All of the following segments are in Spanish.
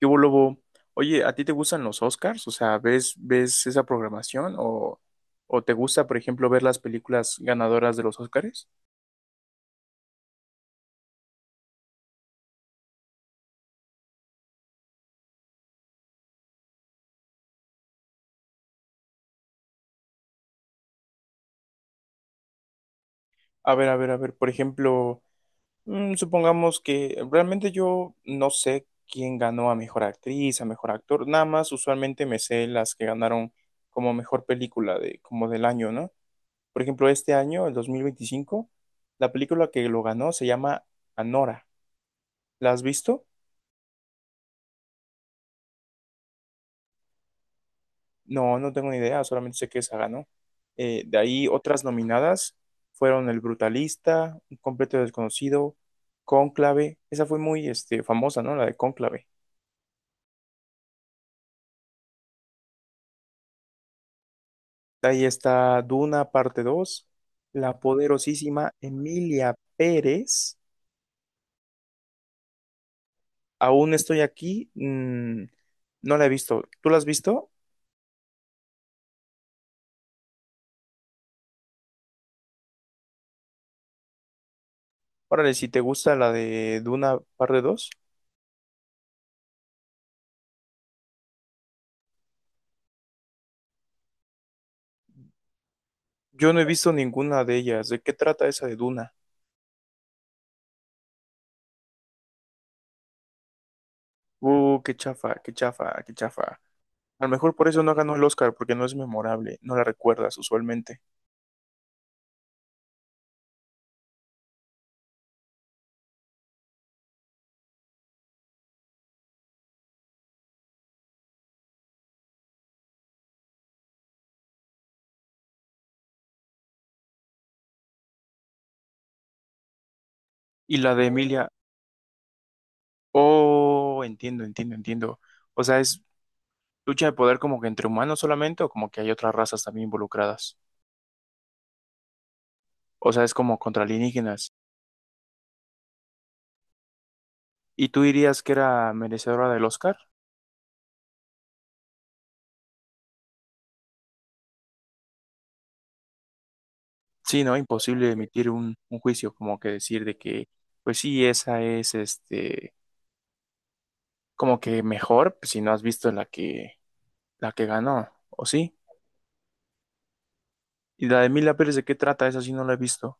¿Qué hubo, Lobo? Oye, ¿a ti te gustan los Oscars? O sea, ¿ves esa programación? O te gusta, por ejemplo, ver las películas ganadoras de los Oscars? A ver, a ver, a ver, por ejemplo, supongamos que realmente yo no sé quién ganó a mejor actriz, a mejor actor, nada más usualmente me sé las que ganaron como mejor película de, como del año, ¿no? Por ejemplo, este año, el 2025, la película que lo ganó se llama Anora. ¿La has visto? No, no tengo ni idea, solamente sé que esa ganó. De ahí otras nominadas fueron El Brutalista, Un Completo Desconocido, Cónclave, esa fue muy este, famosa, ¿no? La de Cónclave. De ahí está Duna, parte 2, la poderosísima Emilia Pérez. Aún estoy aquí, no la he visto. ¿Tú la has visto? Órale, si te gusta la de Duna, parte 2. Yo no he visto ninguna de ellas. ¿De qué trata esa de Duna? Qué chafa, qué chafa, qué chafa. A lo mejor por eso no ganó el Oscar, porque no es memorable, no la recuerdas usualmente. Y la de Emilia, oh, entiendo, entiendo, entiendo. O sea, es lucha de poder como que entre humanos solamente o como que hay otras razas también involucradas. O sea, es como contra alienígenas. ¿Y tú dirías que era merecedora del Oscar? Sí, ¿no? Imposible emitir un juicio, como que decir de que, pues sí, esa es este, como que mejor, pues, si no has visto la que ganó, ¿o sí? ¿Y la de Emilia Pérez de qué trata? Esa sí no la he visto.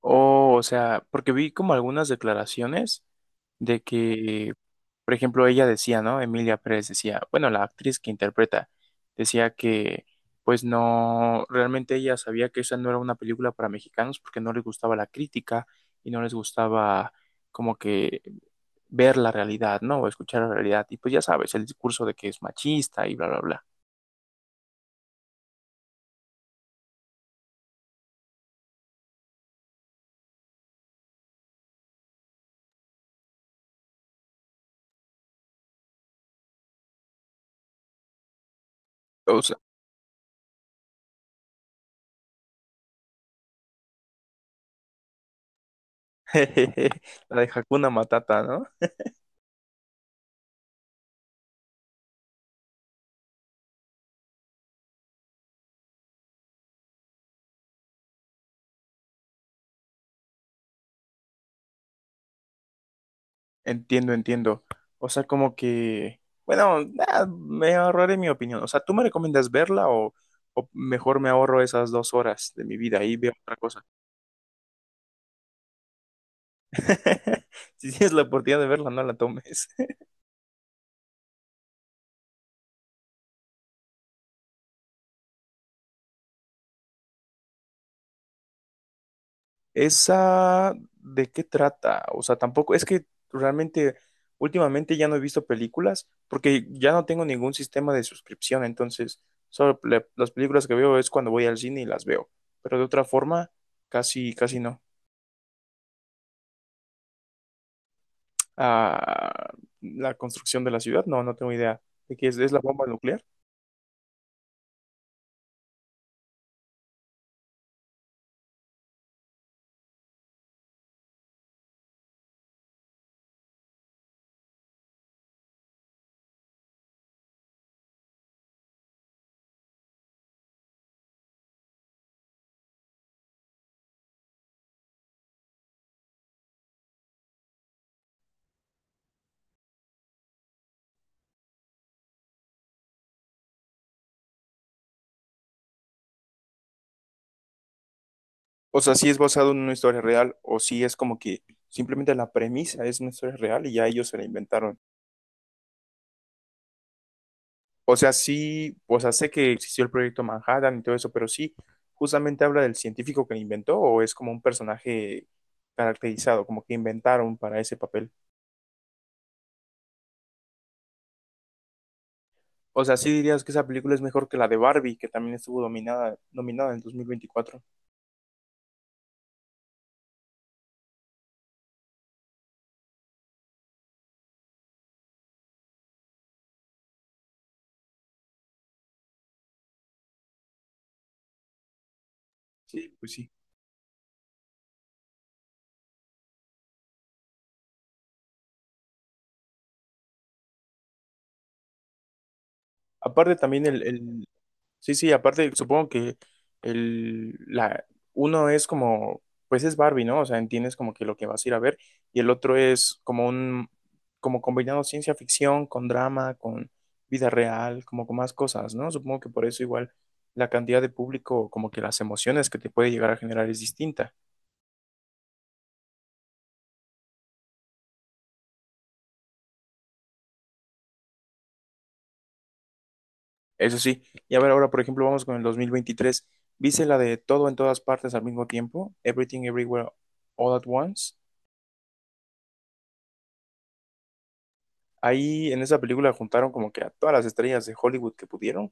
Oh, o sea, porque vi como algunas declaraciones de que, por ejemplo, ella decía, ¿no? Emilia Pérez decía, bueno, la actriz que interpreta, decía que, pues no, realmente ella sabía que esa no era una película para mexicanos porque no les gustaba la crítica y no les gustaba como que ver la realidad, ¿no? O escuchar la realidad. Y pues ya sabes, el discurso de que es machista y bla, bla, bla. O sea, la de Hakuna Matata, ¿no? Entiendo, entiendo. O sea, como que, bueno, nah, me ahorraré mi opinión. O sea, ¿tú me recomiendas verla o mejor me ahorro esas dos horas de mi vida y veo otra cosa? Si tienes la oportunidad de verla, no la tomes. ¿Esa de qué trata? O sea, tampoco, es que realmente últimamente ya no he visto películas porque ya no tengo ningún sistema de suscripción, entonces solo le- las películas que veo es cuando voy al cine y las veo, pero de otra forma, casi, casi no. A la construcción de la ciudad. No, no tengo idea de qué es. ¿Es la bomba nuclear? O sea, si es basado en una historia real o si es como que simplemente la premisa es una historia real y ya ellos se la inventaron. O sea, sí, o sea, sé que existió el proyecto Manhattan y todo eso, pero sí, justamente habla del científico que lo inventó o es como un personaje caracterizado, como que inventaron para ese papel. O sea, sí dirías que esa película es mejor que la de Barbie, que también estuvo dominada, nominada en dos mil veinticuatro. Sí, pues sí. Aparte también el- sí, sí, aparte supongo que el, la, uno es como, pues es Barbie, ¿no? O sea, entiendes como que lo que vas a ir a ver y el otro es como un, como combinado ciencia ficción con drama, con vida real, como con más cosas, ¿no? Supongo que por eso igual la cantidad de público, como que las emociones que te puede llegar a generar es distinta. Eso sí, y a ver, ahora por ejemplo vamos con el 2023. ¿Viste la de todo en todas partes al mismo tiempo? Everything Everywhere All at Once. Ahí en esa película juntaron como que a todas las estrellas de Hollywood que pudieron,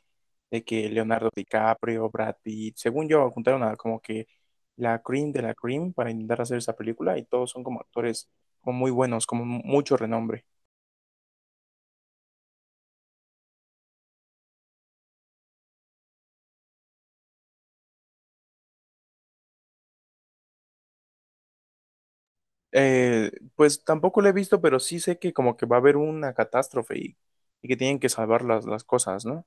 de que Leonardo DiCaprio, Brad Pitt, según yo, juntaron a como que la cream de la cream para intentar hacer esa película y todos son como actores como muy buenos, como mucho renombre. Pues tampoco lo he visto, pero sí sé que como que va a haber una catástrofe y que tienen que salvar las cosas, ¿no?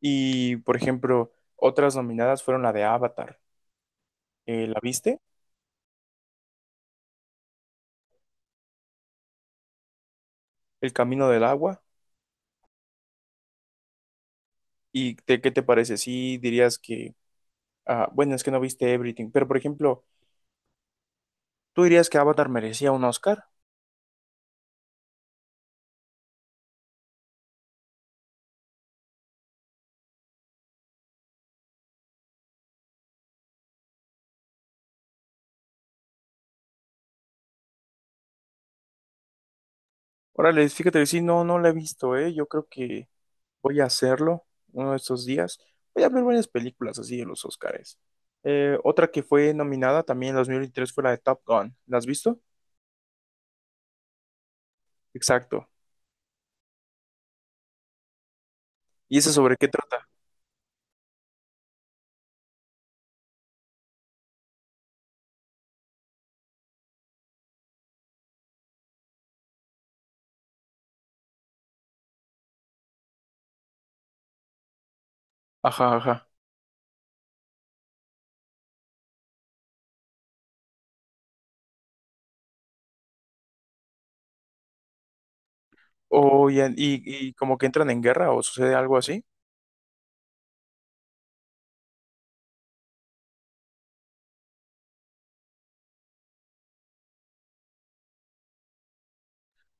Y por ejemplo, otras nominadas fueron la de Avatar. ¿La viste? El Camino del Agua. ¿Y te- qué te parece? ¿Sí dirías que ah, bueno, es que no viste Everything, pero por ejemplo, ¿tú dirías que Avatar merecía un Oscar? Órale, fíjate, sí, no, no la he visto, ¿eh? Yo creo que voy a hacerlo uno de estos días. Voy a ver varias películas así de los Oscars. Otra que fue nominada también en 2023 fue la de Top Gun. ¿La has visto? Exacto. ¿Y esa sobre qué trata? Ajá, ajá. O, y como que entran en guerra o sucede algo así.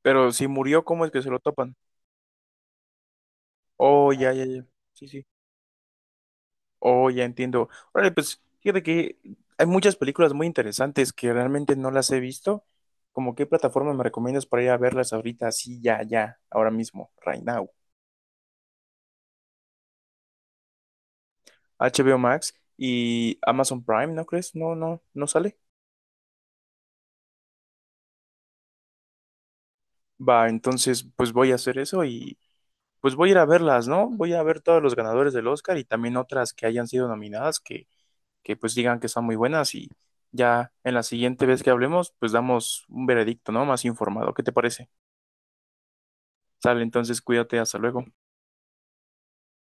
Pero si murió, ¿cómo es que se lo topan? Oh, ya, ya, ya. Sí, sí. Oh, ya entiendo. Órale, pues fíjate que hay muchas películas muy interesantes que realmente no las he visto. ¿Cómo qué plataforma me recomiendas para ir a verlas ahorita, así, ya, ya, ahora mismo, right now? HBO Max y Amazon Prime, ¿no crees? No, no, no sale. Va, entonces, pues voy a hacer eso y pues voy a ir a verlas, ¿no? Voy a ver todos los ganadores del Oscar y también otras que hayan sido nominadas que pues digan que son muy buenas y ya en la siguiente vez que hablemos, pues damos un veredicto, ¿no? Más informado. ¿Qué te parece? Sale, entonces cuídate, hasta luego.